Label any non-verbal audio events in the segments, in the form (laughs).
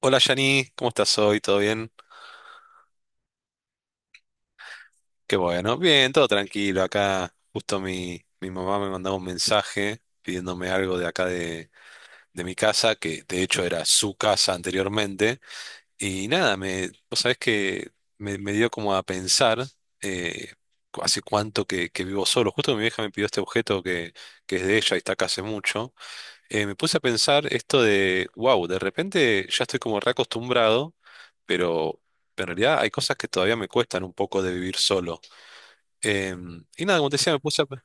Hola Yani, ¿cómo estás hoy? ¿Todo bien? Qué bueno, bien, todo tranquilo. Acá justo mi mamá me mandaba un mensaje pidiéndome algo de acá de mi casa, que de hecho era su casa anteriormente. Y nada, vos sabés que me dio como a pensar eh, hace cuánto que vivo solo. Justo mi vieja me pidió este objeto que es de ella y está acá hace mucho. Me puse a pensar esto wow, de repente ya estoy como reacostumbrado, pero en realidad hay cosas que todavía me cuestan un poco de vivir solo. Y nada, como te decía, me puse a.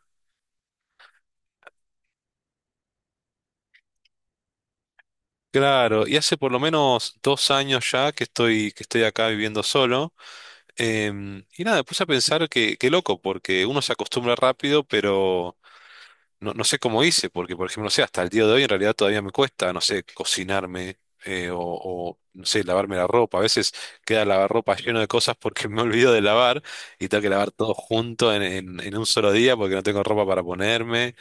Claro, y hace por lo menos 2 años ya que estoy acá viviendo solo. Y nada, me puse a pensar que, qué loco, porque uno se acostumbra rápido, pero. No, no sé cómo hice, porque por ejemplo, no sé, hasta el día de hoy en realidad todavía me cuesta, no sé, cocinarme o, no sé, lavarme la ropa. A veces queda el lavarropa lleno de cosas porque (laughs) me olvido de lavar y tengo que lavar todo junto en un solo día porque no tengo ropa para ponerme.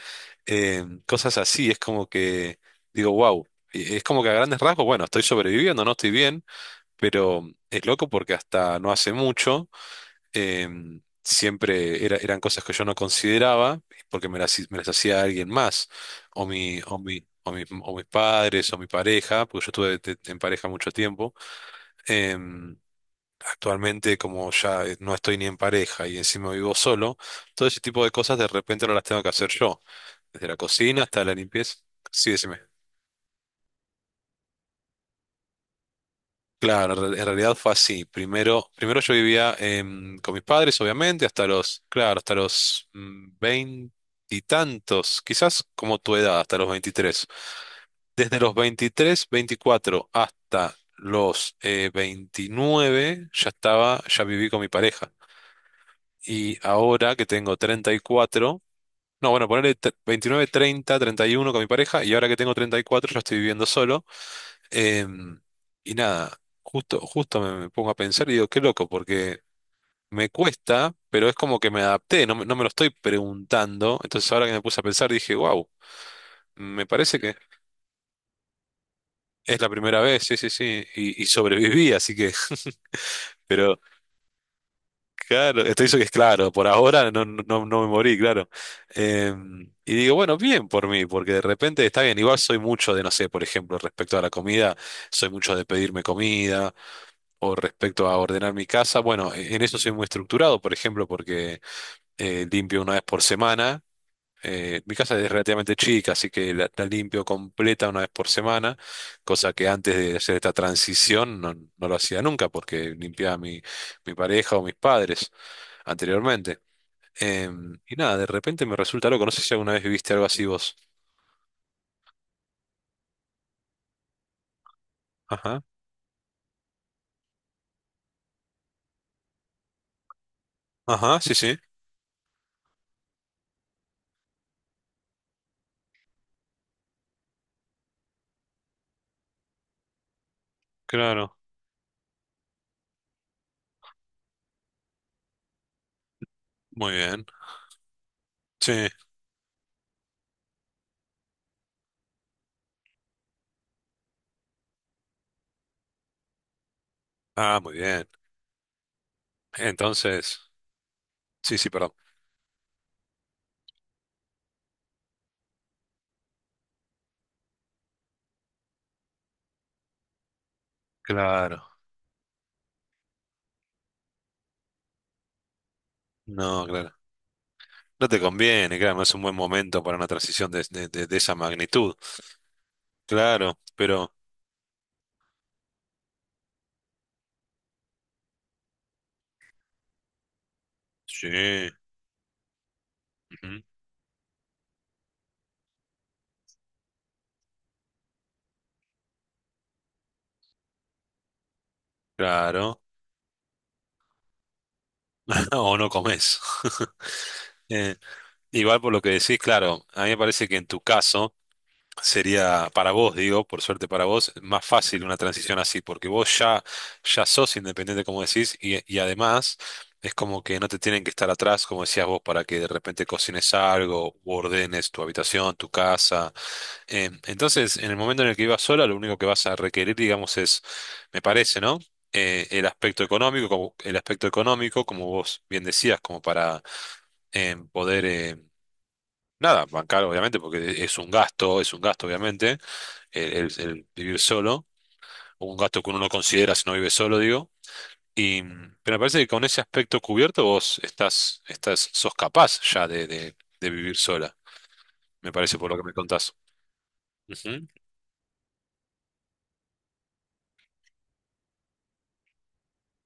Cosas así, es como que digo, wow, es como que a grandes rasgos, bueno, estoy sobreviviendo, no estoy bien, pero es loco porque hasta no hace mucho siempre eran cosas que yo no consideraba porque me las hacía alguien más, o mis padres, o mi pareja, porque yo estuve en pareja mucho tiempo. Em, Actualmente, como ya no estoy ni en pareja y encima vivo solo, todo ese tipo de cosas de repente no las tengo que hacer yo, desde la cocina hasta la limpieza. Sí, decime. Claro, en realidad fue así. Primero yo vivía con mis padres, obviamente, hasta los, claro, hasta los veintitantos, quizás como tu edad, hasta los 23. Desde los 23, 24 hasta los 29 ya viví con mi pareja. Y ahora que tengo 34 no, bueno, ponerle 29, 30, 31 con mi pareja y ahora que tengo 34 ya estoy viviendo solo. Em, y nada, justo me pongo a pensar y digo, qué loco, porque me cuesta, pero es como que me adapté, no, no me lo estoy preguntando. Entonces ahora que me puse a pensar dije, wow, me parece que es la primera vez, sí, sí, sí, y sobreviví, así que, (laughs) pero. Claro, esto hizo que es claro, por ahora no me morí, claro. Eh, y digo, bueno, bien por mí, porque de repente está bien. Igual soy mucho de, no sé, por ejemplo, respecto a la comida, soy mucho de pedirme comida, o respecto a ordenar mi casa. Bueno, en eso soy muy estructurado, por ejemplo, porque limpio una vez por semana. Mi casa es relativamente chica, así que la limpio completa una vez por semana, cosa que antes de hacer esta transición no lo hacía nunca, porque limpiaba mi pareja o mis padres anteriormente. Y nada, de repente me resulta loco. No sé si alguna vez viviste algo así vos. Ajá. Ajá, sí, sí, claro. Muy bien. Sí. Ah, muy bien. Entonces, sí, sí, perdón. Claro. No, claro. No te conviene, claro, no es un buen momento para una transición de esa magnitud. Claro, pero. Sí. Ujú, claro. (laughs) O no comes. (laughs) Eh, Igual por lo que decís, claro, a mí me parece que en tu caso. Sería para vos, digo, por suerte para vos, más fácil una transición así, porque vos ya sos independiente, como decís, y además es como que no te tienen que estar atrás, como decías vos, para que de repente cocines algo o ordenes tu habitación, tu casa. Entonces, en el momento en el que vivas sola, lo único que vas a requerir, digamos, es, me parece, ¿no? El aspecto económico, como el aspecto económico, como vos bien decías, como para poder nada, bancar, obviamente, porque es un gasto, obviamente el vivir solo, o un gasto que uno no considera si no vive solo, digo. Y, pero me parece que con ese aspecto cubierto vos sos capaz ya de vivir sola, me parece por lo que me contás. Ujú,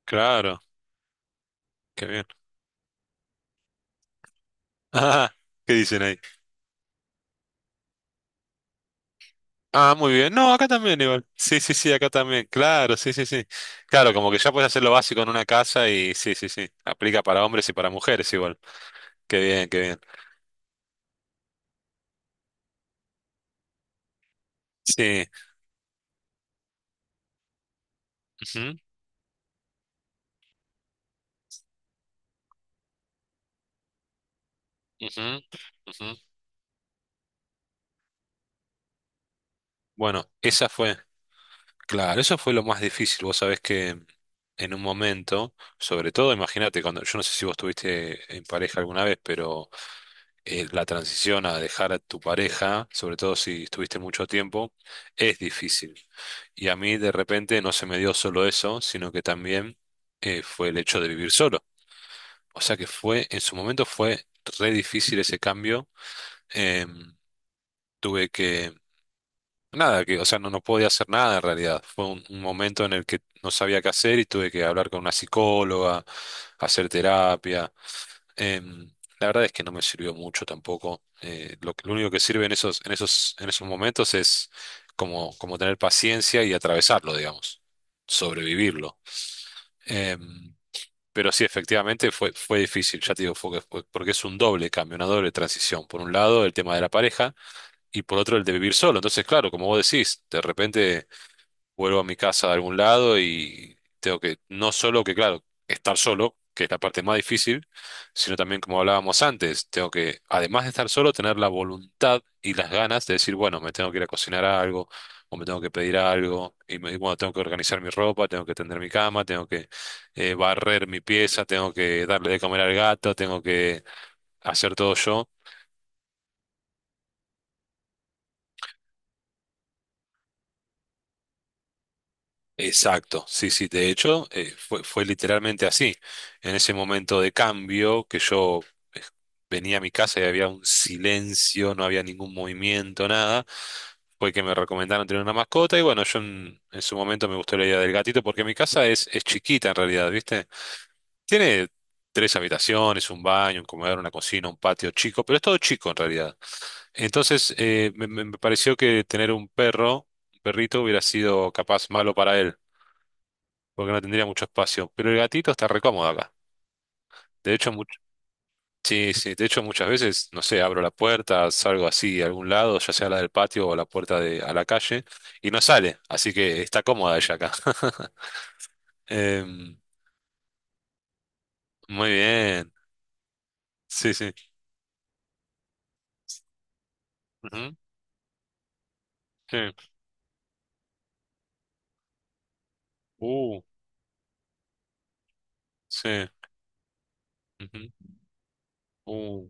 claro, qué bien. (laughs) Ah, ¿qué dicen ahí? Ah, muy bien. No, acá también igual. Sí, sí, sí, acá también. Claro, sí, sí, sí. Claro, como que ya puedes hacer lo básico en una casa y sí, sí, sí. Aplica para hombres y para mujeres igual. Qué bien, qué bien. Sí. Ujú, ujú, ujú. Bueno, esa fue. Claro, eso fue lo más difícil. Vos sabés que en un momento, sobre todo, imagínate, cuando yo no sé si vos estuviste en pareja alguna vez, pero la transición a dejar a tu pareja, sobre todo si estuviste mucho tiempo, es difícil. Y a mí de repente no se me dio solo eso, sino que también fue el hecho de vivir solo. O sea que fue, en su momento fue re difícil ese cambio. Em, tuve que Nada, que, o sea, no podía hacer nada en realidad. Fue un momento en el que no sabía qué hacer y tuve que hablar con una psicóloga, hacer terapia. Em, la verdad es que no me sirvió mucho tampoco. Lo único que sirve en esos momentos es como, como tener paciencia y atravesarlo, digamos, sobrevivirlo. Em, pero sí, efectivamente fue difícil, ya te digo, porque es un doble cambio, una doble transición. Por un lado, el tema de la pareja y por otro el de vivir solo. Entonces, claro, como vos decís, de repente vuelvo a mi casa de algún lado y tengo que, no solo que, claro, estar solo, que es la parte más difícil, sino también, como hablábamos antes, tengo que, además de estar solo, tener la voluntad y las ganas de decir, bueno, me tengo que ir a cocinar algo, o me tengo que pedir algo, y bueno, tengo que organizar mi ropa, tengo que tender mi cama, tengo que barrer mi pieza, tengo que darle de comer al gato, tengo que hacer todo yo. Exacto, sí, sí, de hecho, fue literalmente así. En ese momento de cambio que yo eh, venía a mi casa y había un silencio, no había ningún movimiento, nada, fue que me recomendaron tener una mascota y bueno, yo en su momento me gustó la idea del gatito porque mi casa es chiquita en realidad, ¿viste? Tiene tres habitaciones, un baño, un comedor, una cocina, un patio chico, pero es todo chico en realidad. Entonces, me pareció que tener un perro, un perrito, hubiera sido capaz malo para él porque no tendría mucho espacio. Pero el gatito está recómodo acá. De hecho, sí, sí, de hecho muchas veces, no sé, abro la puerta, salgo así a algún lado, ya sea la del patio o la puerta a la calle, y no sale, así que está cómoda ella acá. (laughs) Em, Muy bien. Sí, sí. Ujú, sí. Uh, sí. Ujú, uh,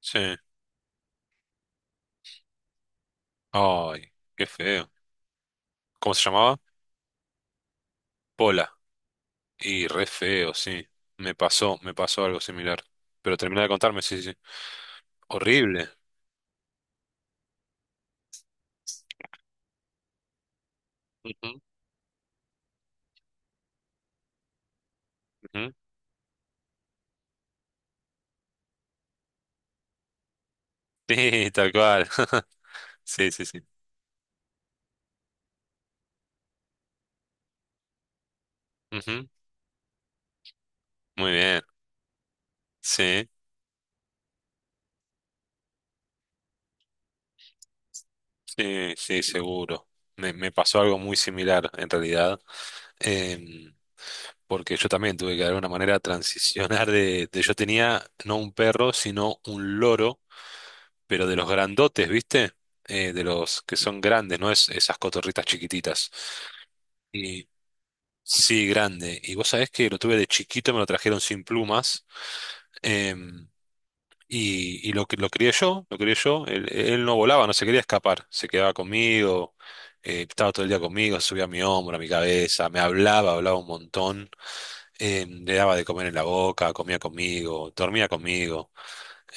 sí. Ay, qué feo. ¿Cómo se llamaba? Pola. Y re feo, sí. Me pasó algo similar. Pero terminé de contarme, sí, sí. Sí. Horrible. Ujú, ujú. Sí, tal cual. (laughs) Sí, sí, sí. Ujú, muy bien. Sí, sí, sí, seguro. Me pasó algo muy similar en realidad, em, porque yo también tuve que de alguna manera transicionar yo tenía no un perro, sino un loro, pero de los grandotes, ¿viste? De los que son grandes, no es esas cotorritas chiquititas. Y sí, grande. Y vos sabés que lo tuve de chiquito, me lo trajeron sin plumas. em, y lo crié yo, lo crié yo. Él no volaba, no se quería escapar. Se quedaba conmigo, estaba todo el día conmigo, subía a mi hombro, a mi cabeza, me hablaba, hablaba un montón. Le daba de comer en la boca, comía conmigo, dormía conmigo.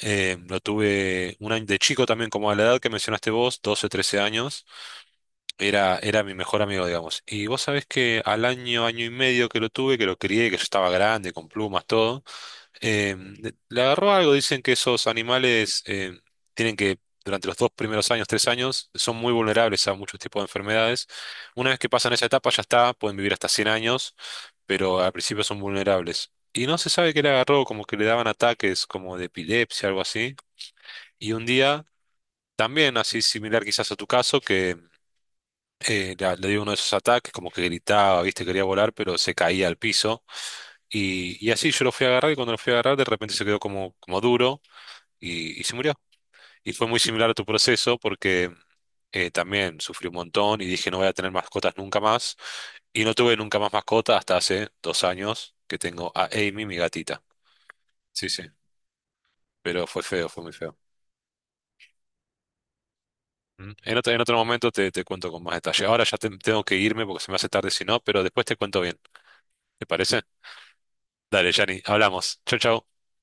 Lo tuve un año de chico también, como a la edad que mencionaste vos, 12 13 años. Era mi mejor amigo, digamos. Y vos sabés que al año, año y medio que lo tuve, que lo crié, que yo estaba grande, con plumas, todo. Le agarró algo, dicen que esos animales tienen durante los dos primeros años, 3 años, son muy vulnerables a muchos tipos de enfermedades. Una vez que pasan esa etapa ya está, pueden vivir hasta 100 años, pero al principio son vulnerables. Y no se sabe qué le agarró, como que le daban ataques como de epilepsia, algo así. Y un día, también así similar quizás a tu caso, que le dio uno de esos ataques, como que gritaba, viste, quería volar, pero se caía al piso. Y así yo lo fui a agarrar y cuando lo fui a agarrar de repente se quedó como duro y se murió. Y fue muy similar a tu proceso porque también sufrí un montón y dije no voy a tener mascotas nunca más. Y no tuve nunca más mascota hasta hace 2 años que tengo a Amy, mi gatita. Sí, sí, pero fue feo, fue muy feo. Mm. En otro momento te cuento con más detalle. Ahora ya tengo que irme porque se me hace tarde si no, pero después te cuento bien. ¿Te parece? Dale, Yanni, hablamos. Chau, chau.